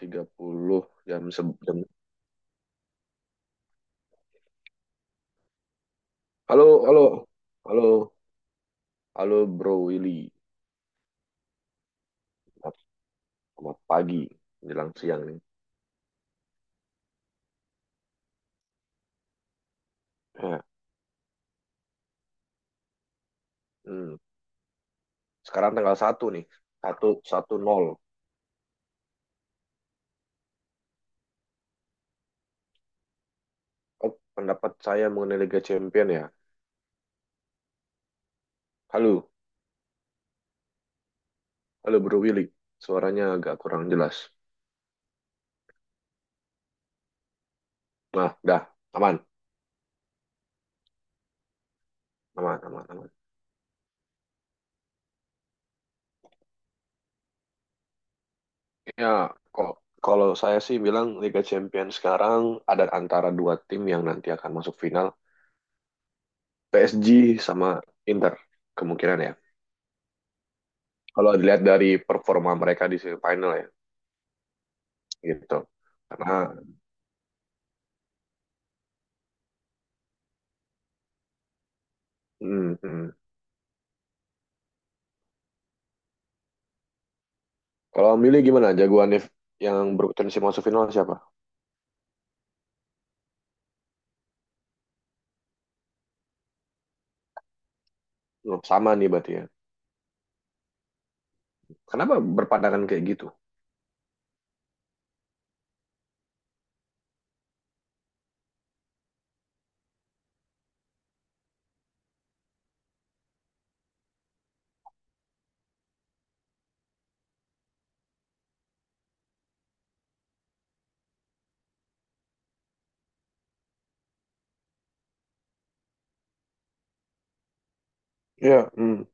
30 jam jam. Halo, halo, halo, halo Bro Willy. Selamat selamat pagi menjelang siang nih. Ya. Hmm. Sekarang tanggal satu nih. Satu satu nol. Oh, pendapat saya mengenai Liga Champion ya. Halo, halo Bro Willy. Suaranya agak kurang jelas. Nah, dah, aman, aman, aman, aman. Ya, kok kalau saya sih bilang Liga Champion sekarang ada antara dua tim yang nanti akan masuk final, PSG sama Inter kemungkinan ya. Kalau dilihat dari performa mereka di semifinal ya gitu. Karena mm, mm. kalau milih gimana jagoannya yang berpotensi masuk final siapa? Oh, sama nih berarti ya. Kenapa berpandangan kayak gitu? Iya, mm.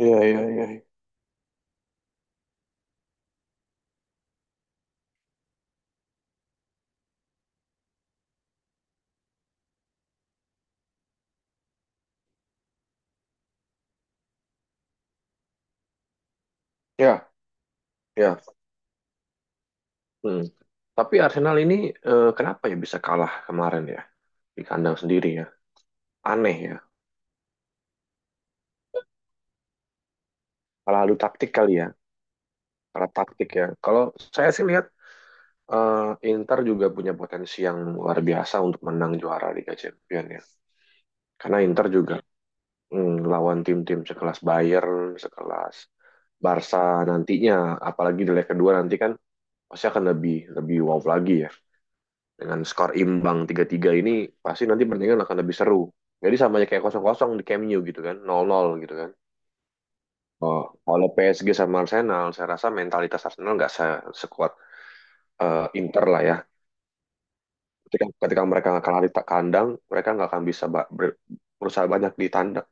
Iya, iya, iya. Iya, iya. Mm. Tapi Arsenal ini eh, kenapa ya bisa kalah kemarin ya di kandang sendiri ya? Aneh ya. Kalah adu taktik kali ya. Kalah taktik ya. Kalau saya sih lihat eh, Inter juga punya potensi yang luar biasa untuk menang juara Liga Champions ya. Karena Inter juga lawan tim-tim sekelas Bayern, sekelas Barca nantinya, apalagi di leg kedua nanti kan pasti akan lebih lebih wow lagi ya. Dengan skor imbang tiga tiga ini pasti nanti pertandingan akan lebih seru. Jadi sama aja kayak kosong kosong di Camp Nou gitu kan, nol nol gitu kan. Oh, kalau PSG sama Arsenal, saya rasa mentalitas Arsenal nggak sekuat eh, Inter lah ya. Ketika mereka kalah di kandang, mereka nggak akan bisa berusaha banyak di tandang.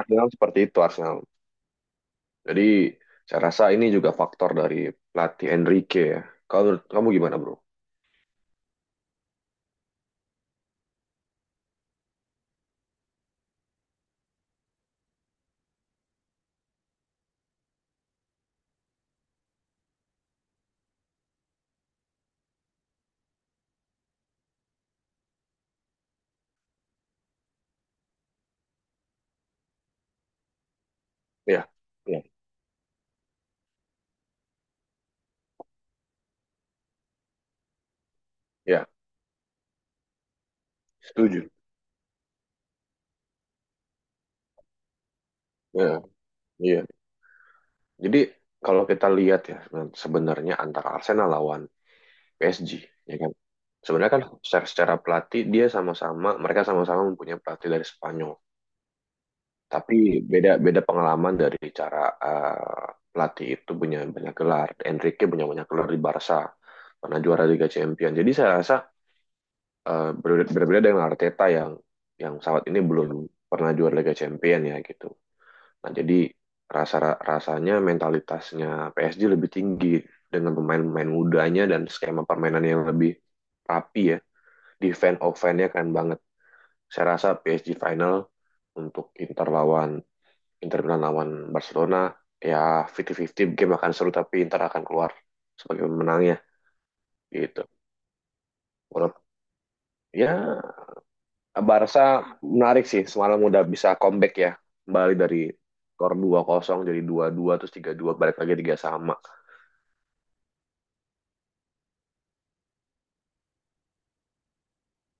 Arsenal seperti itu Arsenal. Jadi saya rasa ini juga faktor dari pelatih Enrique ya. Kalau menurut kamu gimana bro? Ya, ya, ya, setuju. Ya, iya. Jadi kalau kita lihat ya sebenarnya sebenarnya antara Arsenal lawan PSG, ya kan? Sebenarnya kan secara pelatih dia sama-sama, mereka sama-sama mempunyai pelatih dari Spanyol. Tapi beda beda pengalaman dari cara eh, pelatih itu punya banyak gelar. Enrique punya banyak gelar di Barca, pernah juara Liga Champions. Jadi saya rasa eh, berbeda, berbeda dengan Arteta yang saat ini belum pernah juara Liga Champion ya gitu. Nah, jadi rasa rasanya mentalitasnya PSG lebih tinggi dengan pemain-pemain mudanya dan skema permainan yang lebih rapi ya. Defense offense-nya keren banget. Saya rasa PSG final untuk Inter Milan lawan Barcelona ya 50-50 game akan seru tapi Inter akan keluar sebagai pemenangnya gitu. Walaupun ya Barca menarik sih semalam udah bisa comeback ya kembali dari skor dua kosong jadi dua dua terus tiga dua balik lagi 3 sama.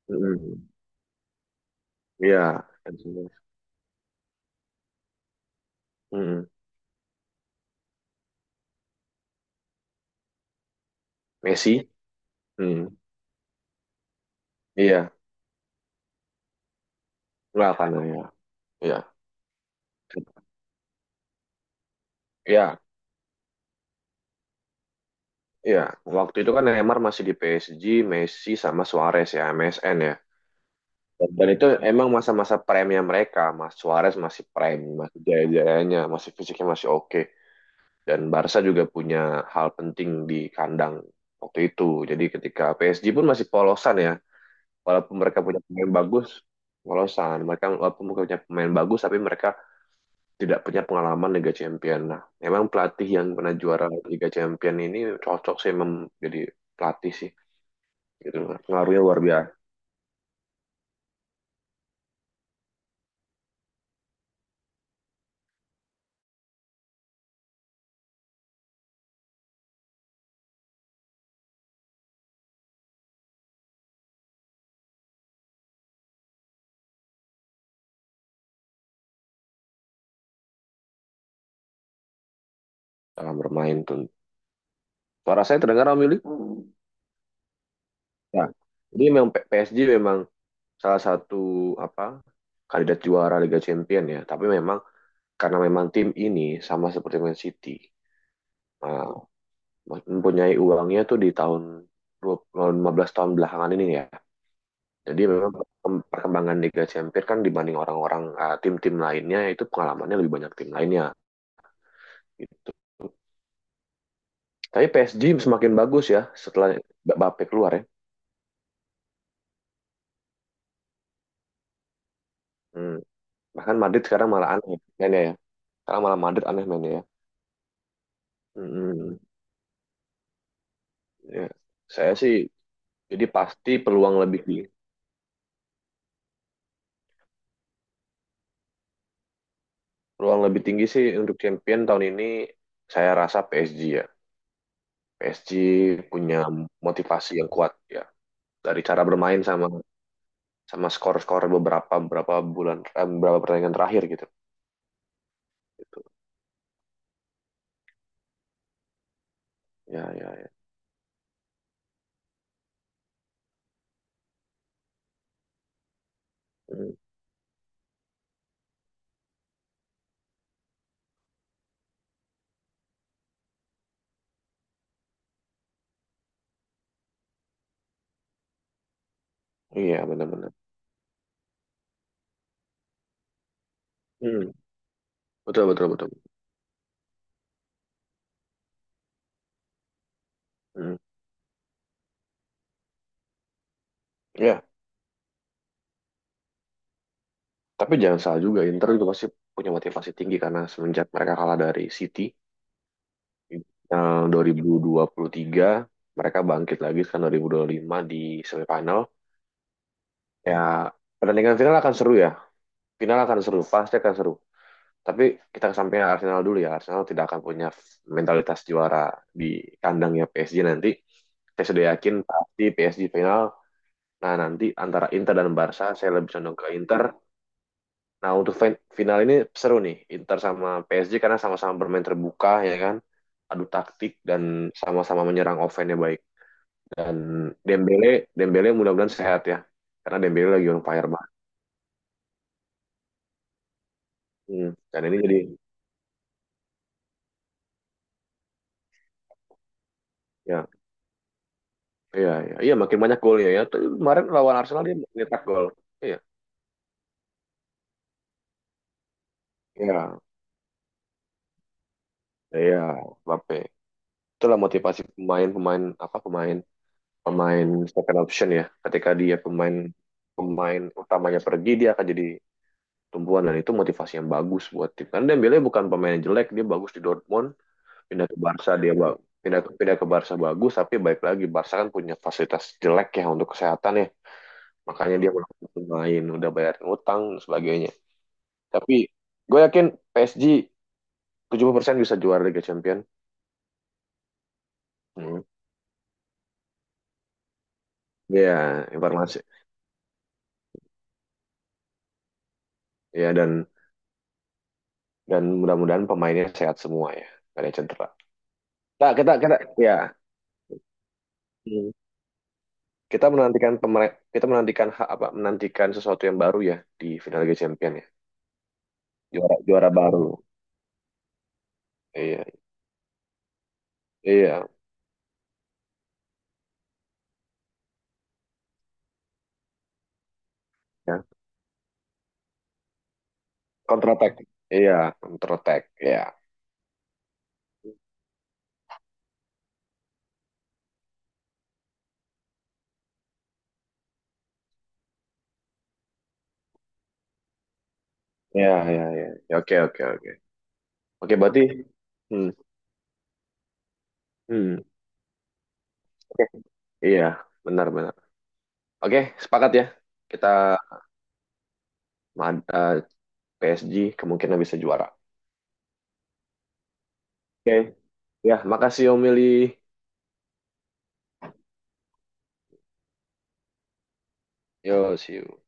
Mm-mm. Iya, mm-mm. Messi, mm. Iya nggak kan ya, iya, iya, iya. Waktu itu kan Neymar masih di PSG, Messi sama Suarez ya MSN ya. Dan itu emang masa-masa prime mereka, Mas Suarez masih prime, masih jaya-jayanya, masih fisiknya masih oke. Dan Barca juga punya hal penting di kandang waktu itu. Jadi ketika PSG pun masih polosan ya. Walaupun mereka punya pemain bagus, polosan. Mereka walaupun punya pemain bagus, tapi mereka tidak punya pengalaman Liga Champions. Nah, memang pelatih yang pernah juara Liga Champions ini cocok sih jadi pelatih sih. Gitu. Pengaruhnya luar biasa dalam bermain tuh. Suara saya terdengar, Om Yuli? Ya. Jadi memang PSG memang salah satu apa kandidat juara Liga Champions ya. Tapi memang karena memang tim ini sama seperti Man City uh, mempunyai uangnya tuh di tahun 20 15 tahun belakangan ini ya. Jadi memang perkembangan Liga Champions kan dibanding orang-orang tim-tim lainnya itu pengalamannya lebih banyak tim lainnya gitu. Tapi PSG semakin bagus ya setelah Mbappe keluar ya. Hmm. Bahkan Madrid sekarang malah aneh mainnya ya. Sekarang malah Madrid aneh mainnya ya. Hmm. Ya. Saya sih jadi pasti peluang lebih di ruang lebih tinggi sih untuk champion tahun ini saya rasa PSG ya. PSG punya motivasi yang kuat ya dari cara bermain sama sama skor-skor beberapa beberapa bulan eh, beberapa pertandingan terakhir gitu. Gitu. Ya ya ya. Hmm. Iya benar-benar. Hmm. Betul betul betul. Hmm. Ya, tapi jangan salah juga Inter juga pasti punya motivasi tinggi karena semenjak mereka kalah dari City yang 2023 mereka bangkit lagi kan 2025 di semifinal. Ya, pertandingan final akan seru ya. Final akan seru, pasti akan seru. Tapi kita kesampingkan Arsenal dulu ya. Arsenal tidak akan punya mentalitas juara di kandangnya PSG nanti. Saya sudah yakin pasti PSG final. Nah, nanti antara Inter dan Barca, saya lebih condong ke Inter. Nah, untuk final ini seru nih. Inter sama PSG karena sama-sama bermain terbuka, ya kan? Adu taktik dan sama-sama menyerang offense-nya baik. Dan Dembele, Dembele mudah-mudahan sehat ya. Karena Dembele lagi on fire banget. Hmm, dan ini jadi, ya. Iya, iya, iya makin banyak golnya ya. Tuh, kemarin lawan Arsenal dia nyetak gol. Iya, iya, iya, Mbappe. Itulah motivasi pemain-pemain apa pemain pemain second option ya. Ketika dia pemain pemain utamanya pergi dia akan jadi tumbuhan dan itu motivasi yang bagus buat tim. Karena Dembele bukan pemain yang jelek, dia bagus di Dortmund, pindah ke Barca dia pindah ke Barca bagus, tapi baik lagi Barca kan punya fasilitas jelek ya untuk kesehatan ya. Makanya dia melakukan pemain, udah bayarin utang dan sebagainya. Tapi gue yakin PSG persen bisa juara Liga Champion. Hmm. Ya, informasi. Ya dan mudah-mudahan pemainnya sehat semua ya, gak ada yang cedera. Nah, kita kita ya. Hmm. Kita menantikan apa menantikan sesuatu yang baru ya di final Liga Champion ya. Juara juara baru. Iya, iya, ya. Counter attack. Iya, counter attack. Iya. Iya, iya, iya. Ya, oke, oke, oke. Oke, berarti hmm, hmm. Oke, iya, benar, benar. Oke, sepakat ya. Kita ma- eh, PSG kemungkinan bisa juara. Oke, ya, makasih Om Mili. Yo, see you.